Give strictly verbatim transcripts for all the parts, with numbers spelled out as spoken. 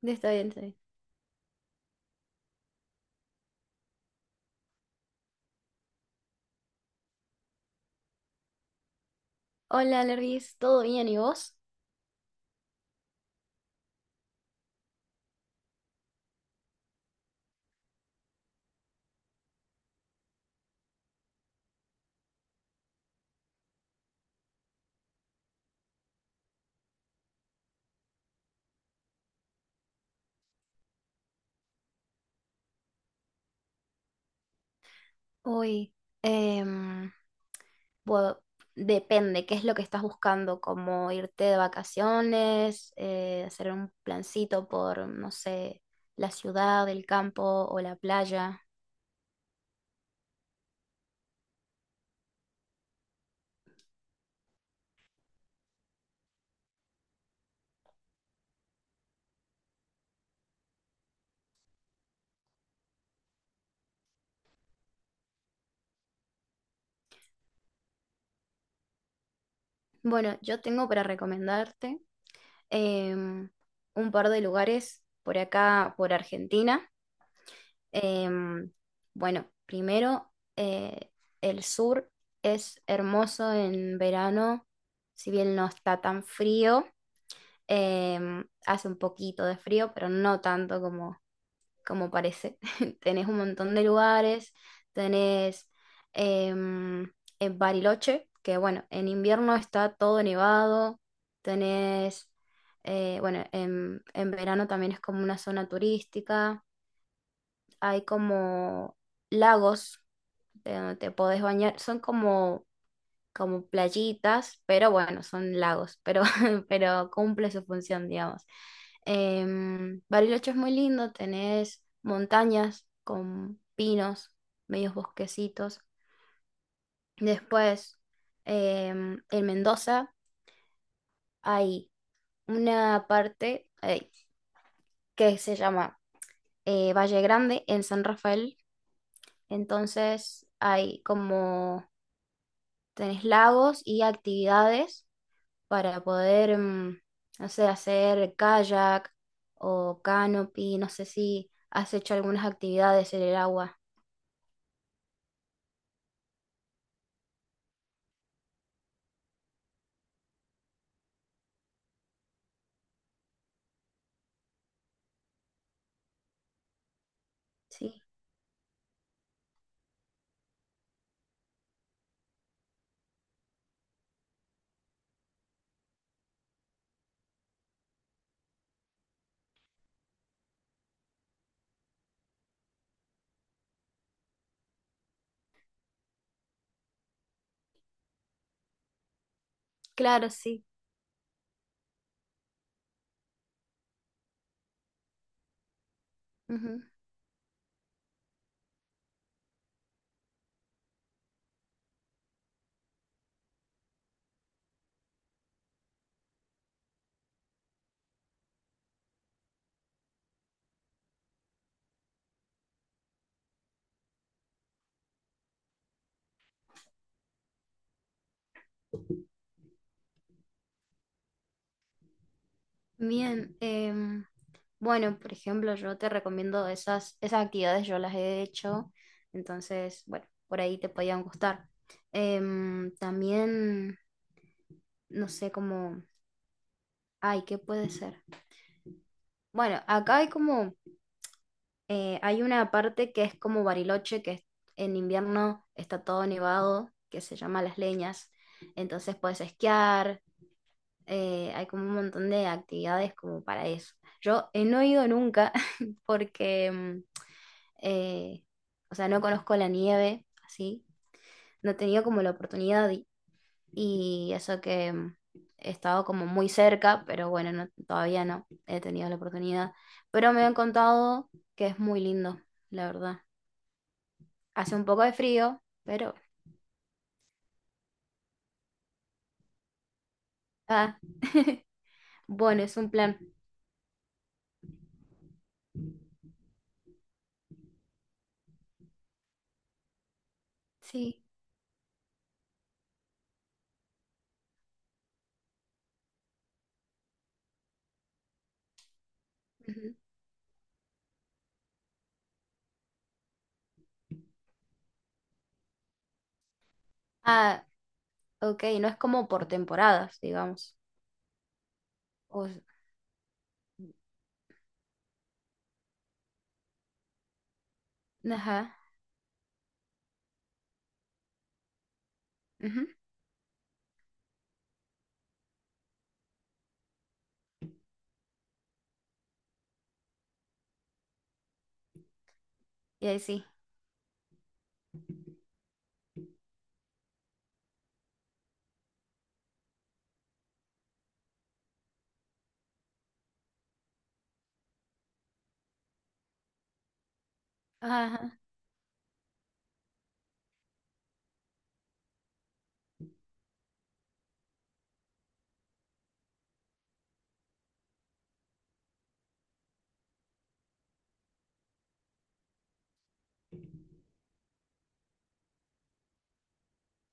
Está bien, está bien. Hola, Lervis, ¿todo bien y vos? Uy, em, bueno, depende, ¿qué es lo que estás buscando? ¿Como irte de vacaciones, eh, hacer un plancito por, no sé, la ciudad, el campo o la playa? Bueno, yo tengo para recomendarte em, un par de lugares por acá, por Argentina. Em, bueno, primero, eh, el sur es hermoso en verano, si bien no está tan frío, em, hace un poquito de frío, pero no tanto como, como parece. Tenés un montón de lugares, tenés em, en Bariloche, que bueno, en invierno está todo nevado, tenés, eh, bueno, en en verano también es como una zona turística, hay como lagos de donde te podés bañar. Son como, como playitas, pero bueno, son lagos, pero pero cumple su función, digamos. Em, Bariloche es muy lindo, tenés montañas con pinos, medios bosquecitos. Después, em, en Mendoza hay una parte eh, que se llama eh, Valle Grande en San Rafael. Entonces hay como, tenés lagos y actividades para poder, mm, no sé, hacer kayak o canopy, no sé si has hecho algunas actividades en el agua. Sí, claro, sí, ujú. Bien, em, bueno, por ejemplo, yo te recomiendo esas, esas actividades, yo las he hecho, entonces, bueno, por ahí te podían gustar. Em, también, no sé cómo, ay, ¿qué puede ser? Bueno, acá hay como... Eh, hay una parte que es como Bariloche, que es- en invierno está todo nevado, que se llama Las Leñas. Entonces puedes esquiar, eh, hay como un montón de actividades como para eso. Yo eh, no he ido nunca porque, mm, eh, o sea, no conozco la nieve, así. No he tenido como la oportunidad y, y eso que mm, he estado como muy cerca, pero bueno, no- todavía no he tenido la oportunidad. Pero me han contado que es muy lindo, la verdad. Hace un poco de frío, pero... Ah. Bueno, es un plan. Sí, ujú. Ah, ok, no es como por temporadas, digamos. O, ajá. Ujú, y ahí sí. Ajá.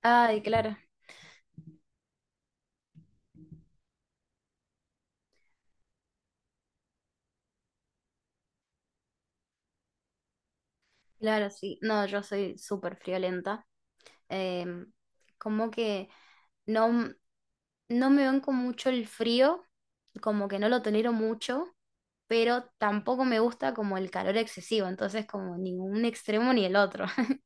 Ay, claro, claro, sí. No, yo soy súper friolenta. Em, como que no, m- no me banco mucho el frío, como que no lo tolero mucho, pero tampoco me gusta como el calor excesivo, entonces como ningún extremo ni el otro.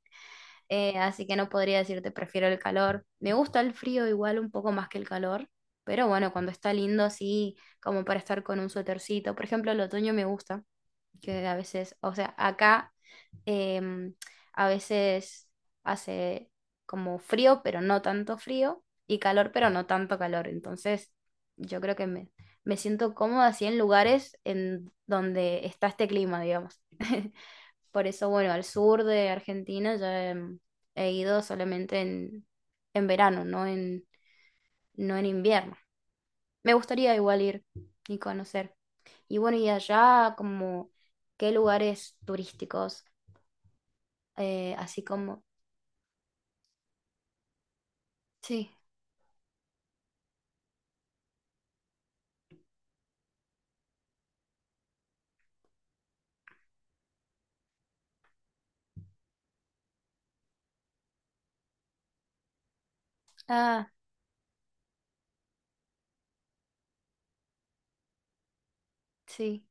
eh, así que no podría decirte prefiero el calor. Me gusta el frío igual un poco más que el calor, pero bueno, cuando está lindo, sí, como para estar con un suétercito. Por ejemplo, el otoño me gusta, que a veces, o sea, acá Em, a veces hace como frío, pero no tanto frío, y calor, pero no tanto calor. Entonces, yo creo que me, me siento cómoda así en lugares en donde está este clima, digamos. Por eso, bueno, al sur de Argentina ya em, he, ido solamente en, en verano, no en, no en invierno. Me gustaría igual ir y conocer. Y bueno, y allá como qué lugares turísticos, eh, así como sí, ah, sí.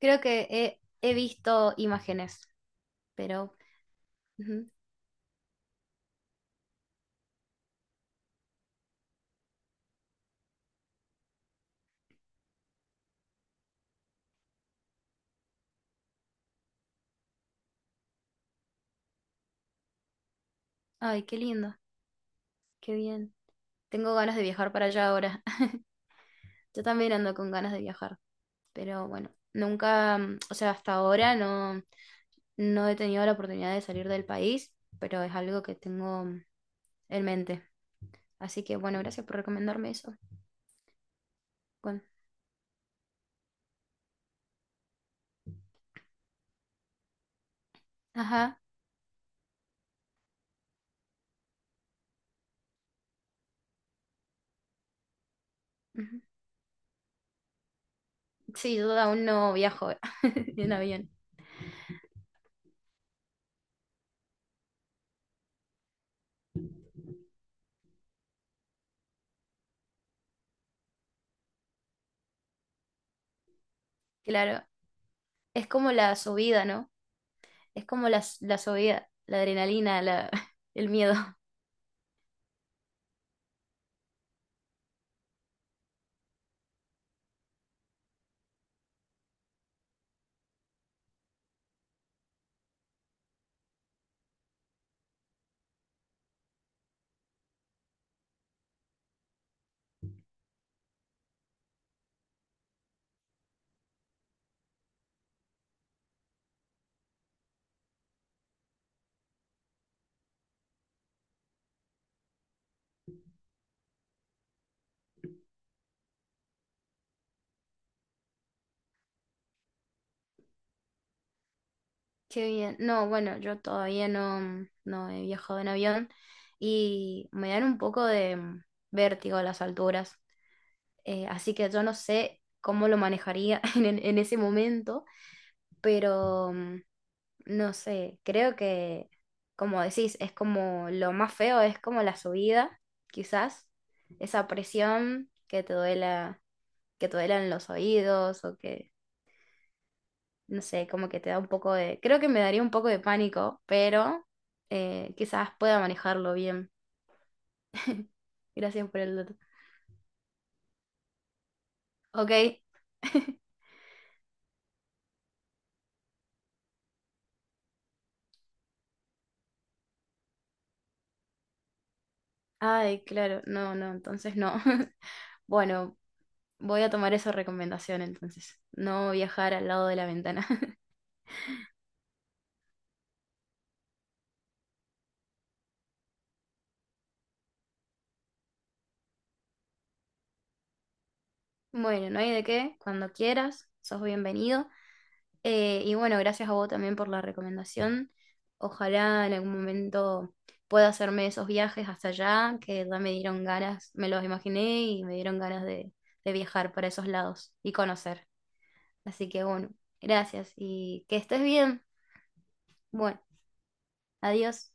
Creo que he, he visto imágenes, pero... Ujú. Ay, qué lindo, qué bien. Tengo ganas de viajar para allá ahora. Yo también ando con ganas de viajar, pero bueno, nunca, mm, o sea, hasta ahora no, no he tenido la oportunidad de salir del país, pero es algo que tengo mm, en mente. Así que bueno, gracias por recomendarme eso. Bueno, ajá, ujú. Sí, yo aún no viajo en avión. Claro, es como la subida, ¿no? Es como la, la subida, la adrenalina, la el miedo. Qué bien. No, bueno, yo todavía no, mm, no he viajado en avión y me dan un poco de mm, vértigo las alturas. Eh, así que yo no sé cómo lo manejaría en, en en ese momento, pero mm, no sé, creo que, como decís, es como lo más feo, es como la subida, quizás, esa presión que te duela, que te duelan los oídos o que no sé, como que te da un poco de, creo que me daría un poco de pánico, pero eh, quizás pueda manejarlo bien. Gracias por el dato. Ok. Ay, claro, no, no, entonces no. Bueno, voy a tomar esa recomendación entonces. No viajar al lado de la ventana. Bueno, no hay de qué. Cuando quieras, sos bienvenido. Eh, y bueno, gracias a vos también por la recomendación. Ojalá en algún momento pueda hacerme esos viajes hasta allá, que ya me dieron ganas, me los imaginé y me dieron ganas de, de viajar para esos lados y conocer. Así que bueno, gracias y que estés bien. Bueno, adiós.